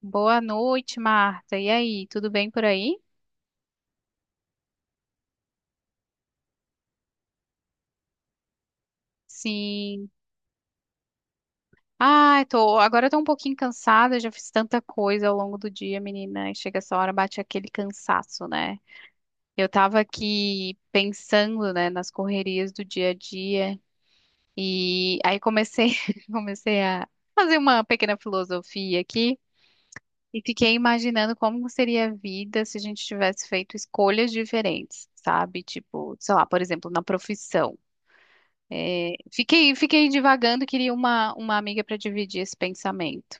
Boa noite, Marta. E aí, tudo bem por aí? Sim. Ai, tô, agora eu tô um pouquinho cansada, já fiz tanta coisa ao longo do dia, menina. E chega essa hora, bate aquele cansaço, né? Eu tava aqui pensando, né, nas correrias do dia a dia e aí comecei, comecei a fazer uma pequena filosofia aqui e fiquei imaginando como seria a vida se a gente tivesse feito escolhas diferentes, sabe? Tipo, sei lá, por exemplo, na profissão. Fiquei, fiquei divagando, queria uma amiga para dividir esse pensamento.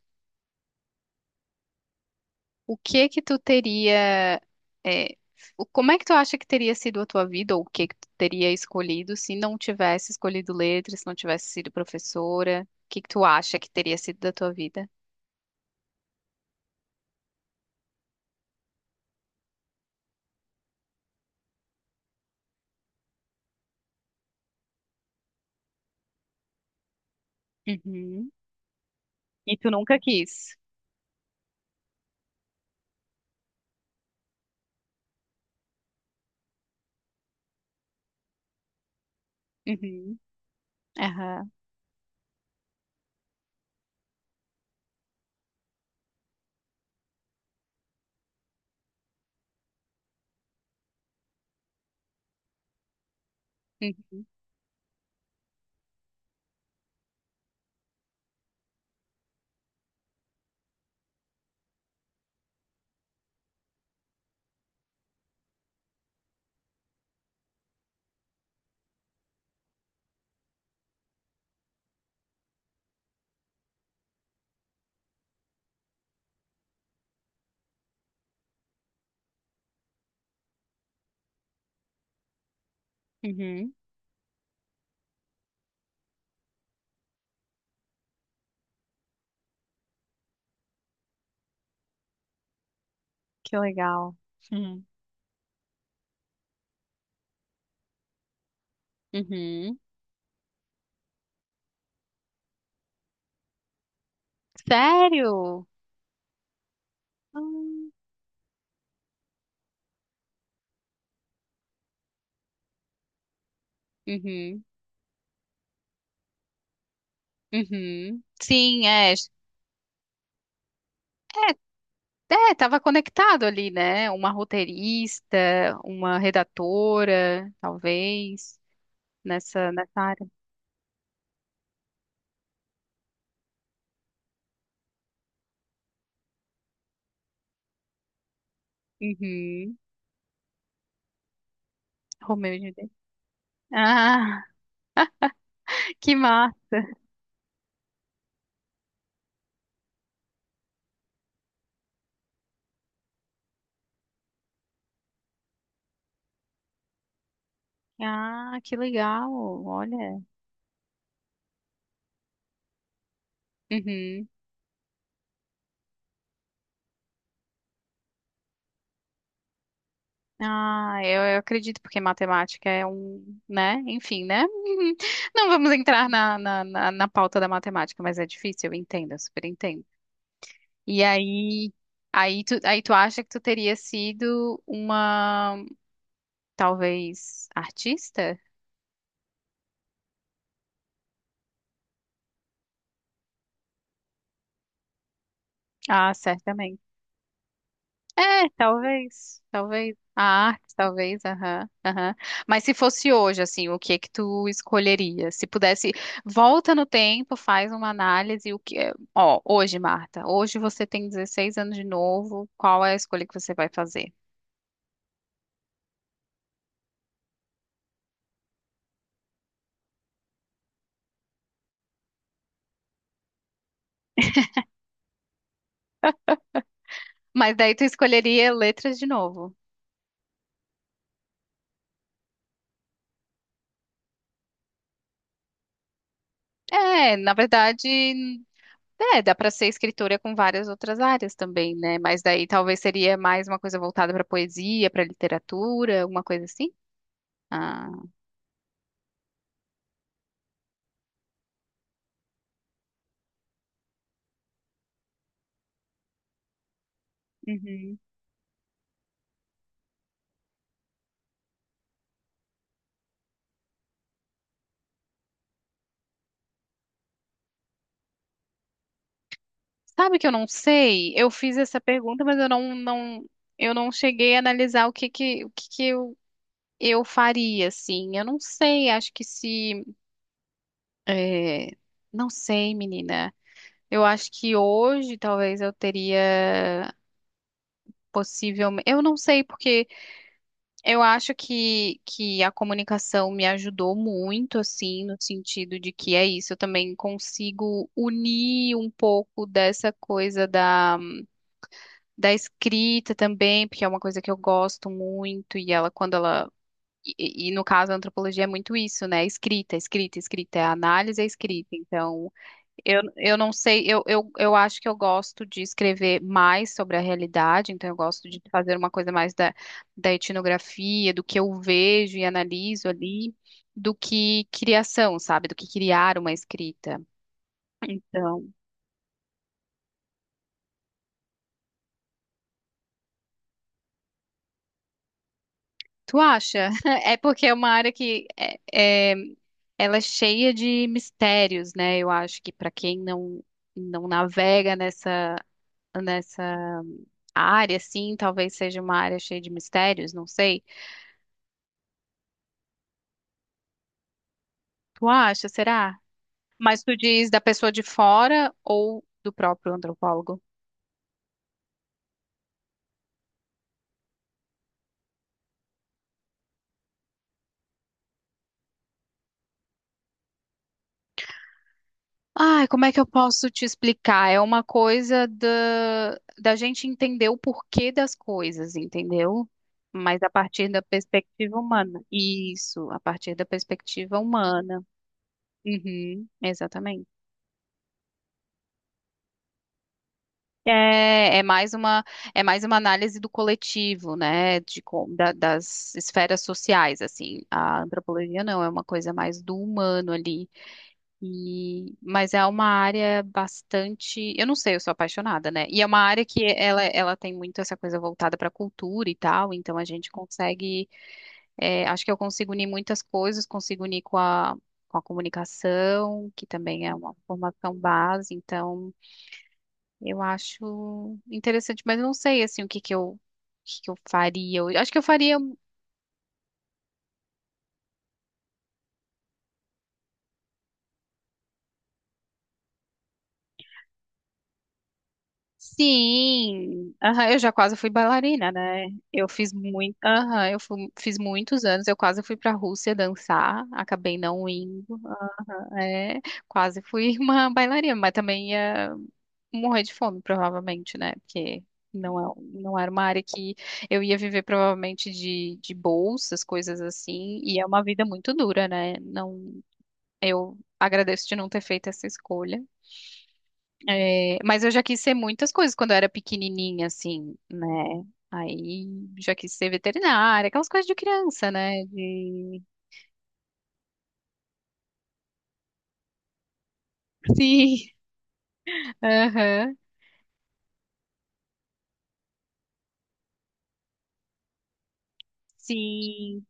O que que tu teria, é, como é que tu acha que teria sido a tua vida, ou o que que tu teria escolhido se não tivesse escolhido letras, se não tivesse sido professora? O que que tu acha que teria sido da tua vida? Uhum. E tu nunca quis. Uhum. Aham. Uhum. Uhum. Que legal. Uhum. Uhum. Sério? Hum. Uhum. Uhum. Sim, é. É, é, estava conectado ali, né? Uma roteirista, uma redatora, talvez, nessa área. Uhum. Romeu e Julieta. Ah, que massa. Ah, que legal. Olha. Uhum. Ah, eu acredito, porque matemática é um, né? Enfim, né? Uhum. Não vamos entrar na pauta da matemática, mas é difícil, eu entendo, eu super entendo. E aí, aí tu acha que tu teria sido uma. Talvez artista? Ah, certamente. É, talvez. A arte, talvez, aham, aham. Mas se fosse hoje, assim, o que é que tu escolheria? Se pudesse, volta no tempo, faz uma análise, o que é... Ó, hoje, Marta, hoje você tem 16 anos de novo, qual é a escolha que você vai fazer? Mas daí tu escolheria letras de novo. É, na verdade, é, dá para ser escritora com várias outras áreas também, né? Mas daí talvez seria mais uma coisa voltada para poesia, para literatura, alguma coisa assim. Ah, uhum. Sabe que eu não sei? Eu fiz essa pergunta, mas eu não cheguei a analisar o que que eu faria, assim. Eu não sei, acho que se, é, não sei, menina. Eu acho que hoje talvez eu teria possivelmente, eu não sei porque eu acho que a comunicação me ajudou muito, assim, no sentido de que é isso, eu também consigo unir um pouco dessa coisa da escrita também, porque é uma coisa que eu gosto muito, e ela, quando ela. E no caso, a antropologia é muito isso, né? Escrita, escrita, escrita, é a análise, é escrita. Então, eu não sei, eu acho que eu gosto de escrever mais sobre a realidade, então eu gosto de fazer uma coisa mais da etnografia, do que eu vejo e analiso ali, do que criação, sabe? Do que criar uma escrita. Então, tu acha? É porque é uma área que é, ela é cheia de mistérios, né? Eu acho que para quem não navega nessa área, assim, talvez seja uma área cheia de mistérios, não sei. Tu acha? Será? Mas tu diz da pessoa de fora ou do próprio antropólogo? Ai, como é que eu posso te explicar? É uma coisa da gente entender o porquê das coisas, entendeu? Mas a partir da perspectiva humana. Isso, a partir da perspectiva humana. Uhum, exatamente. É, é mais é mais uma análise do coletivo, né? De, das esferas sociais, assim. A antropologia não, é uma coisa mais do humano ali. E, mas é uma área bastante, eu não sei, eu sou apaixonada, né? E é uma área que ela tem muito essa coisa voltada para cultura e tal, então a gente consegue, é, acho que eu consigo unir muitas coisas, consigo unir com com a comunicação, que também é uma formação base, então eu acho interessante, mas eu não sei assim o que que eu faria. Eu acho que eu faria sim, aham, eu já quase fui bailarina, né? Eu fiz muito, aham, fiz muitos anos, eu quase fui para a Rússia dançar, acabei não indo, aham, é, quase fui uma bailarina, mas também ia morrer de fome, provavelmente, né? Porque não é, não era uma área que eu ia viver provavelmente de bolsas, coisas assim, e é uma vida muito dura, né? Não, eu agradeço de não ter feito essa escolha. É, mas eu já quis ser muitas coisas quando eu era pequenininha, assim, né? Aí já quis ser veterinária, aquelas coisas de criança, né? De... Sim, aham, sim,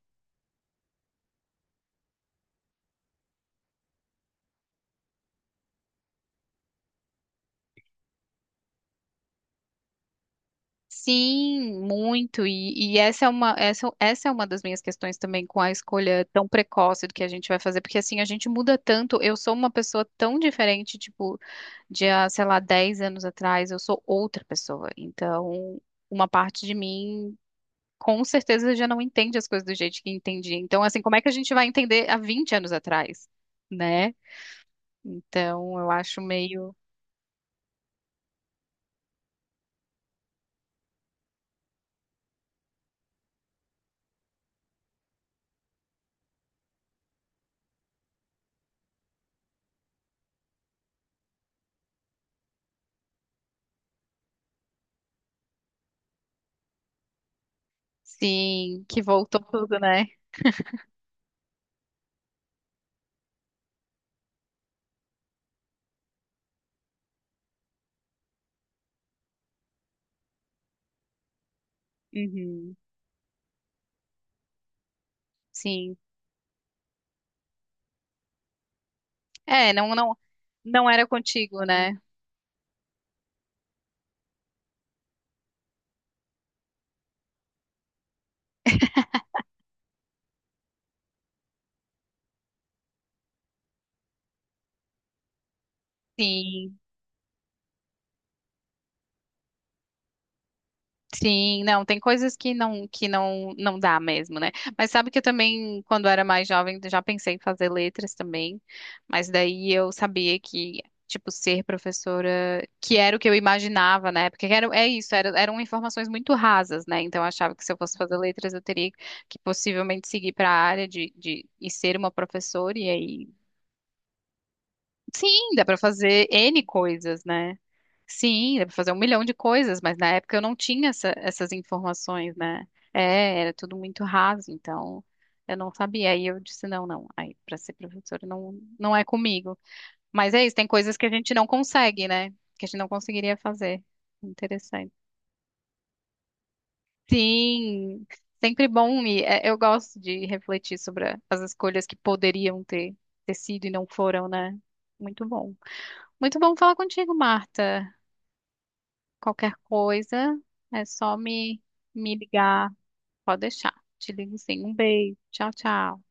sim, muito. E essa é essa é uma das minhas questões também com a escolha tão precoce do que a gente vai fazer, porque assim, a gente muda tanto. Eu sou uma pessoa tão diferente, tipo, de, há, sei lá, 10 anos atrás, eu sou outra pessoa. Então, uma parte de mim com certeza já não entende as coisas do jeito que entendia. Então, assim, como é que a gente vai entender há 20 anos atrás, né? Então, eu acho meio, sim, que voltou tudo, né? Uhum, sim. É, não, não era contigo, né? Sim. Sim, não, tem coisas que não não dá mesmo, né? Mas sabe que eu também, quando era mais jovem, já pensei em fazer letras também, mas daí eu sabia que tipo ser professora, que era o que eu imaginava, né? Porque era é isso, era, eram informações muito rasas, né? Então eu achava que se eu fosse fazer letras, eu teria que possivelmente seguir para a área de e ser uma professora e aí, sim, dá para fazer N coisas, né? Sim, dá pra fazer um milhão de coisas, mas na época eu não tinha essas informações, né? É, era tudo muito raso, então eu não sabia. Aí eu disse, não, aí para ser professora não é comigo. Mas é isso, tem coisas que a gente não consegue, né? Que a gente não conseguiria fazer. Interessante. Sim, sempre bom e é, eu gosto de refletir sobre as escolhas que poderiam ter sido e não foram, né? Muito bom. Muito bom falar contigo, Marta. Qualquer coisa, é só me, me ligar. Pode deixar. Te ligo sim. Um beijo. Tchau, tchau.